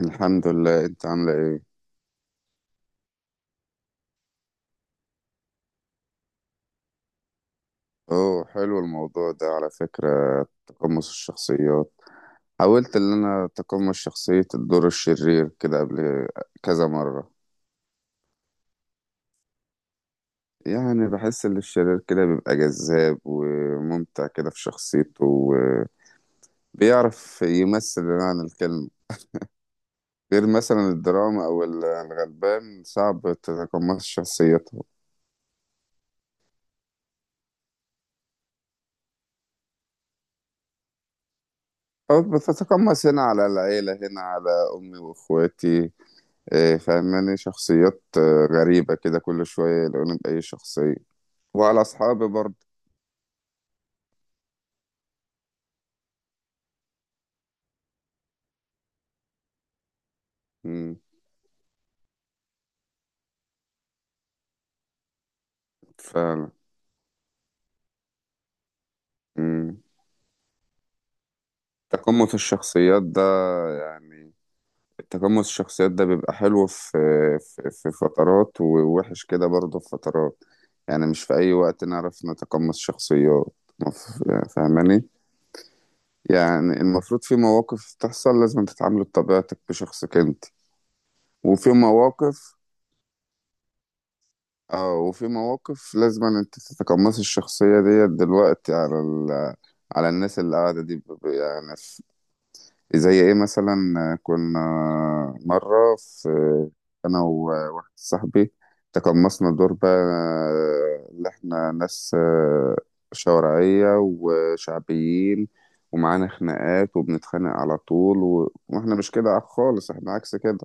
الحمد لله. انت عامله ايه؟ اوه، حلو الموضوع ده على فكره. تقمص الشخصيات، حاولت ان انا اتقمص شخصيه الدور الشرير كده قبل كذا مره. يعني بحس ان الشرير كده بيبقى جذاب وممتع كده في شخصيته، وبيعرف يمثل عن الكلمه. غير مثلا الدراما او الغلبان صعب تتقمص شخصيته. أو بتتقمص هنا على العيلة، هنا على أمي وإخواتي. إيه، فاهماني شخصيات غريبة كده، كل شوية يلاقوني بأي شخصية. وعلى أصحابي برضه. مم، فعلا. مم. تقمص الشخصيات ده يعني تقمص الشخصيات ده بيبقى حلو في في فترات، ووحش كده برضه في فترات. يعني مش في أي وقت نعرف نتقمص شخصيات. مف- فاهماني؟ يعني المفروض في مواقف تحصل لازم تتعامل بطبيعتك، بشخصك انت. وفي مواقف، اه وفي مواقف لازم أن انت تتقمصي الشخصية ديت دلوقتي على على الناس اللي قاعدة دي يعني زي ايه مثلا. كنا مرة في، انا وواحد صاحبي تقمصنا دور بقى، اللي احنا ناس شوارعية وشعبيين، ومعانا خناقات وبنتخانق على طول واحنا مش كده خالص، احنا عكس كده.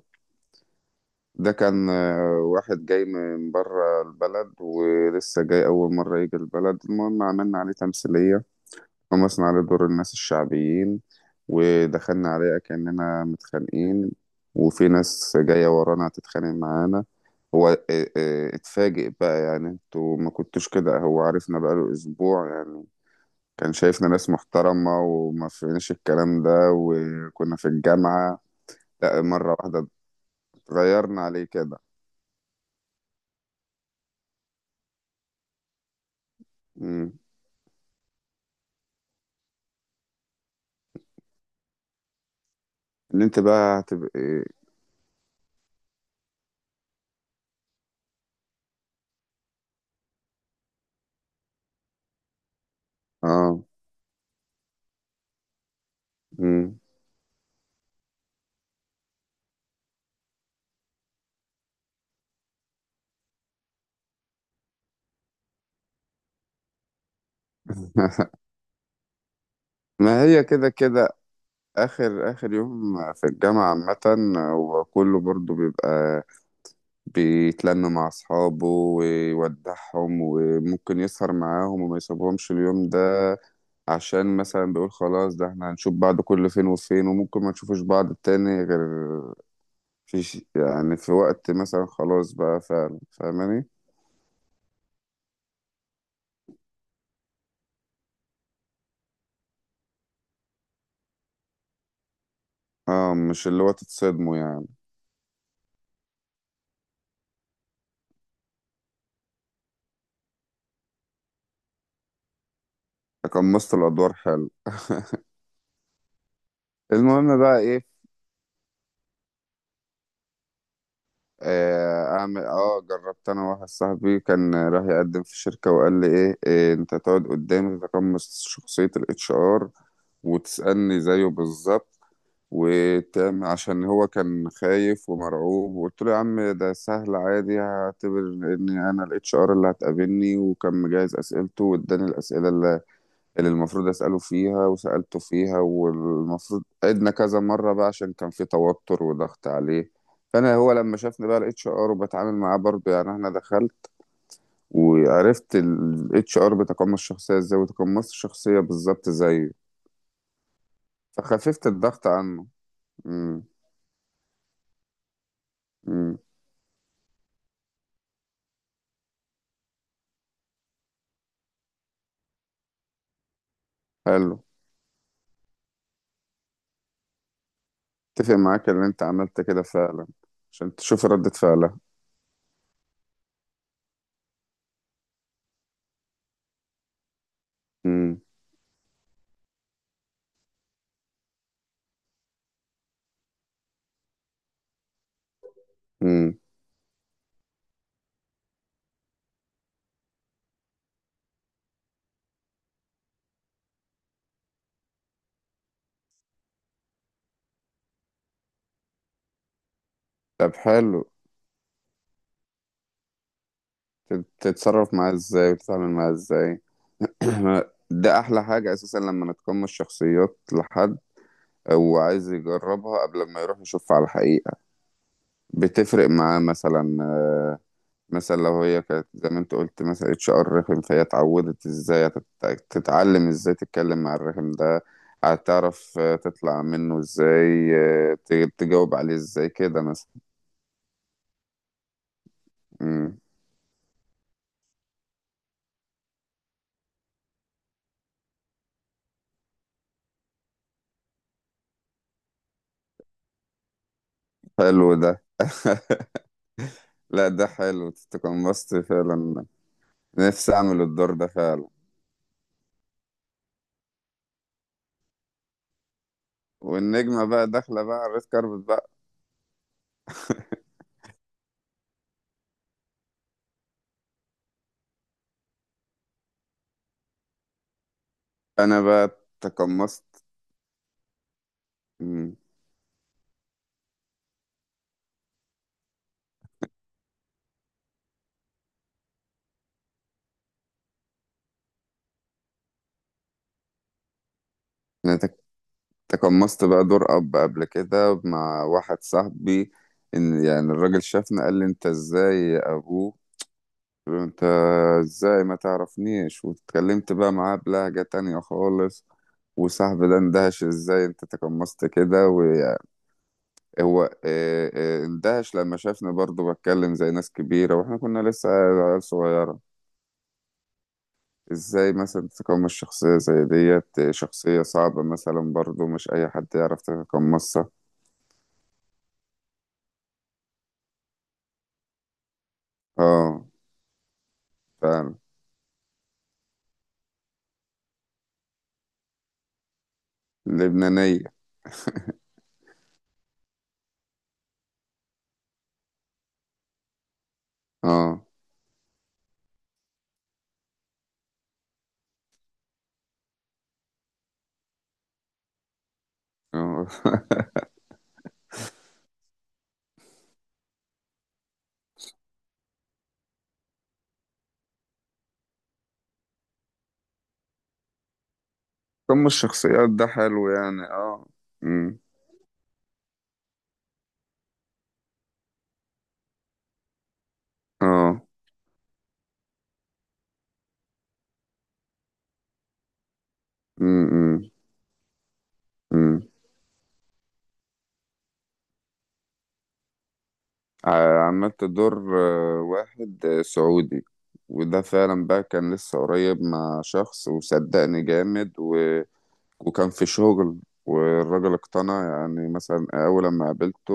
ده كان واحد جاي من بره البلد ولسه جاي أول مرة يجي البلد. المهم عملنا عليه تمثيلية، قمصنا عليه دور الناس الشعبيين، ودخلنا عليه كأننا متخانقين، وفي ناس جاية ورانا هتتخانق معانا. هو اتفاجئ بقى، يعني انتوا ما كنتوش كده. هو عرفنا بقاله أسبوع يعني، كان شايفنا ناس محترمة وما فيناش الكلام ده، وكنا في الجامعة. لا، مرة واحدة اتغيرنا عليه كده. مم. ان انت بقى هتبقى إيه؟ اه. مم. ما هي كده كده اخر اخر يوم في الجامعة عامة، وكله برضو بيبقى بيتلم مع اصحابه ويودعهم وممكن يسهر معاهم وما يسيبهمش اليوم ده. عشان مثلا بيقول خلاص، ده احنا هنشوف بعض كل فين وفين وممكن ما نشوفش بعض تاني غير في يعني في وقت مثلا خلاص بقى، فعلا، فاهماني. اه، مش اللي هو تتصدموا يعني. تقمصت الادوار حلو. المهم بقى ايه؟ اعمل اه جربت. انا واحد صاحبي كان راح يقدم في شركة وقال لي، إيه انت تقعد قدامي تتقمص شخصية الاتش ار وتسألني زيه بالظبط وتعمل. عشان هو كان خايف ومرعوب، وقلت له يا عم ده سهل عادي، هعتبر ان انا الاتش ار اللي هتقابلني. وكان مجهز اسئلته واداني الاسئلة اللي المفروض أسأله فيها وسألته فيها. والمفروض عدنا كذا مرة بقى عشان كان في توتر وضغط عليه. فأنا، هو لما شافني بقى الاتش ار وبتعامل معاه برضه، يعني أنا دخلت وعرفت الاتش ار بيتقمص الشخصية ازاي، وتقمصت الشخصية بالظبط زيه. فخففت الضغط عنه. امم. امم. حلو. اتفق معاك ان انت عملت كده فعلا عشان تشوف ردة فعلها. امم. امم. طب حلو. تتصرف معاه ازاي وتتعامل معاه ازاي. ده احلى حاجة اساسا لما نتقمص شخصيات لحد، او عايز يجربها قبل ما يروح يشوفها على الحقيقة. بتفرق معاه مثلا. مثلا لو هي كانت زي ما انت قلت مثلا اتش ار رخم، فهي اتعودت ازاي. تتعلم ازاي تتكلم مع الرخم ده. هتعرف تطلع منه ازاي، تجاوب عليه ازاي كده مثلا. مم. حلو ده. لا، ده حلو، تقمصت فعلا. نفسي اعمل الدور ده فعلا. والنجمة بقى داخلة بقى على الريد كاربت بقى. انا بقى تقمصت. مم. انا تقمصت بقى دور اب قبل كده مع واحد صاحبي. ان يعني الراجل شافنا قال لي انت ازاي يا ابوه. قلت له انت ازاي، ما تعرفنيش. واتكلمت بقى معاه بلهجة تانية خالص، وصاحبي ده اندهش ازاي انت تقمصت كده. وهو اه، اندهش لما شافني برضه بتكلم زي ناس كبيرة واحنا كنا لسه عيال صغيرة. ازاي مثلا تتقمص شخصية زي ديت؟ شخصية صعبة مثلا، برضو مش أي حد يعرف يتقمصها. اه، فعلا. لبنانية. اه. اه. تقمص الشخصيات ده حلو يعني، اه. أمم. اه. أمم. أمم. أمم. عملت دور واحد سعودي. وده فعلا بقى كان لسه قريب مع شخص، وصدقني جامد. وكان في شغل، والراجل اقتنع يعني. مثلا أول لما قابلته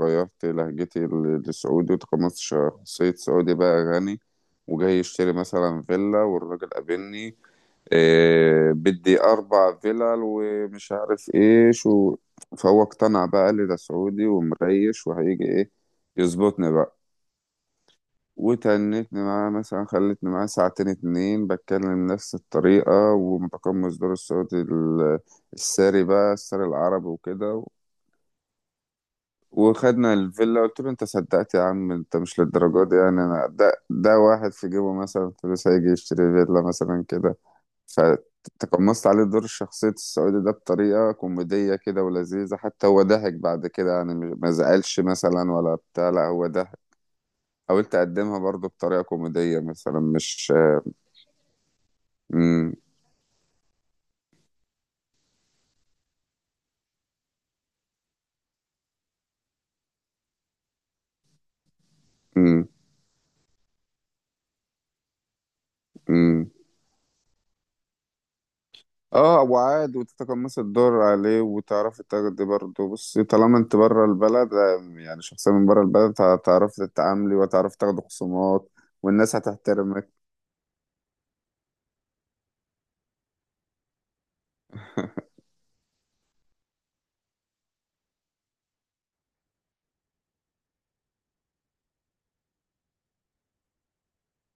غيرت لهجتي لسعودي، وتقمصت شخصية سعودي بقى غني وجاي يشتري مثلا فيلا. والراجل قابلني، إيه بدي أربع فيلل ومش عارف إيه شو. فهو اقتنع بقى، قال لي ده سعودي ومريش وهيجي إيه يظبطني بقى. وتنتني معاه، مثلا خلتني معاه ساعتين اتنين بتكلم نفس الطريقة، ومتقمص دور الصوت الساري بقى، الساري العربي وكده. وخدنا الفيلا. قلت له انت صدقت يا عم، انت مش للدرجة دي يعني. انا ده واحد في جيبه مثلا فلوس هيجي يشتري فيلا مثلا كده. فتقمصت عليه دور شخصية السعودي ده بطريقة كوميدية كده ولذيذة. حتى هو ضحك بعد كده يعني، ما زعلش مثلا ولا بتاع. لا، هو ضحك. حاولت أقدمها برضو بطريقة كوميدية مثلا، مش. امم. امم. امم. اه، وعاد وتتقمص الدور عليه وتعرفي تاخدي برضه. بصي طالما انت بره البلد، يعني شخصية من بره البلد، هتعرفي تتعاملي وتعرفي تاخدي خصومات. والناس هتحترمك.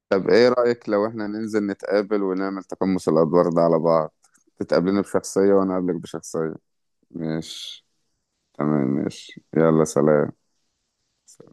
طب ايه رأيك لو احنا ننزل نتقابل ونعمل تقمص الأدوار ده على بعض؟ تتقابليني بشخصية وانا اقابلك بشخصية. ماشي. تمام، ماشي، يلا سلام.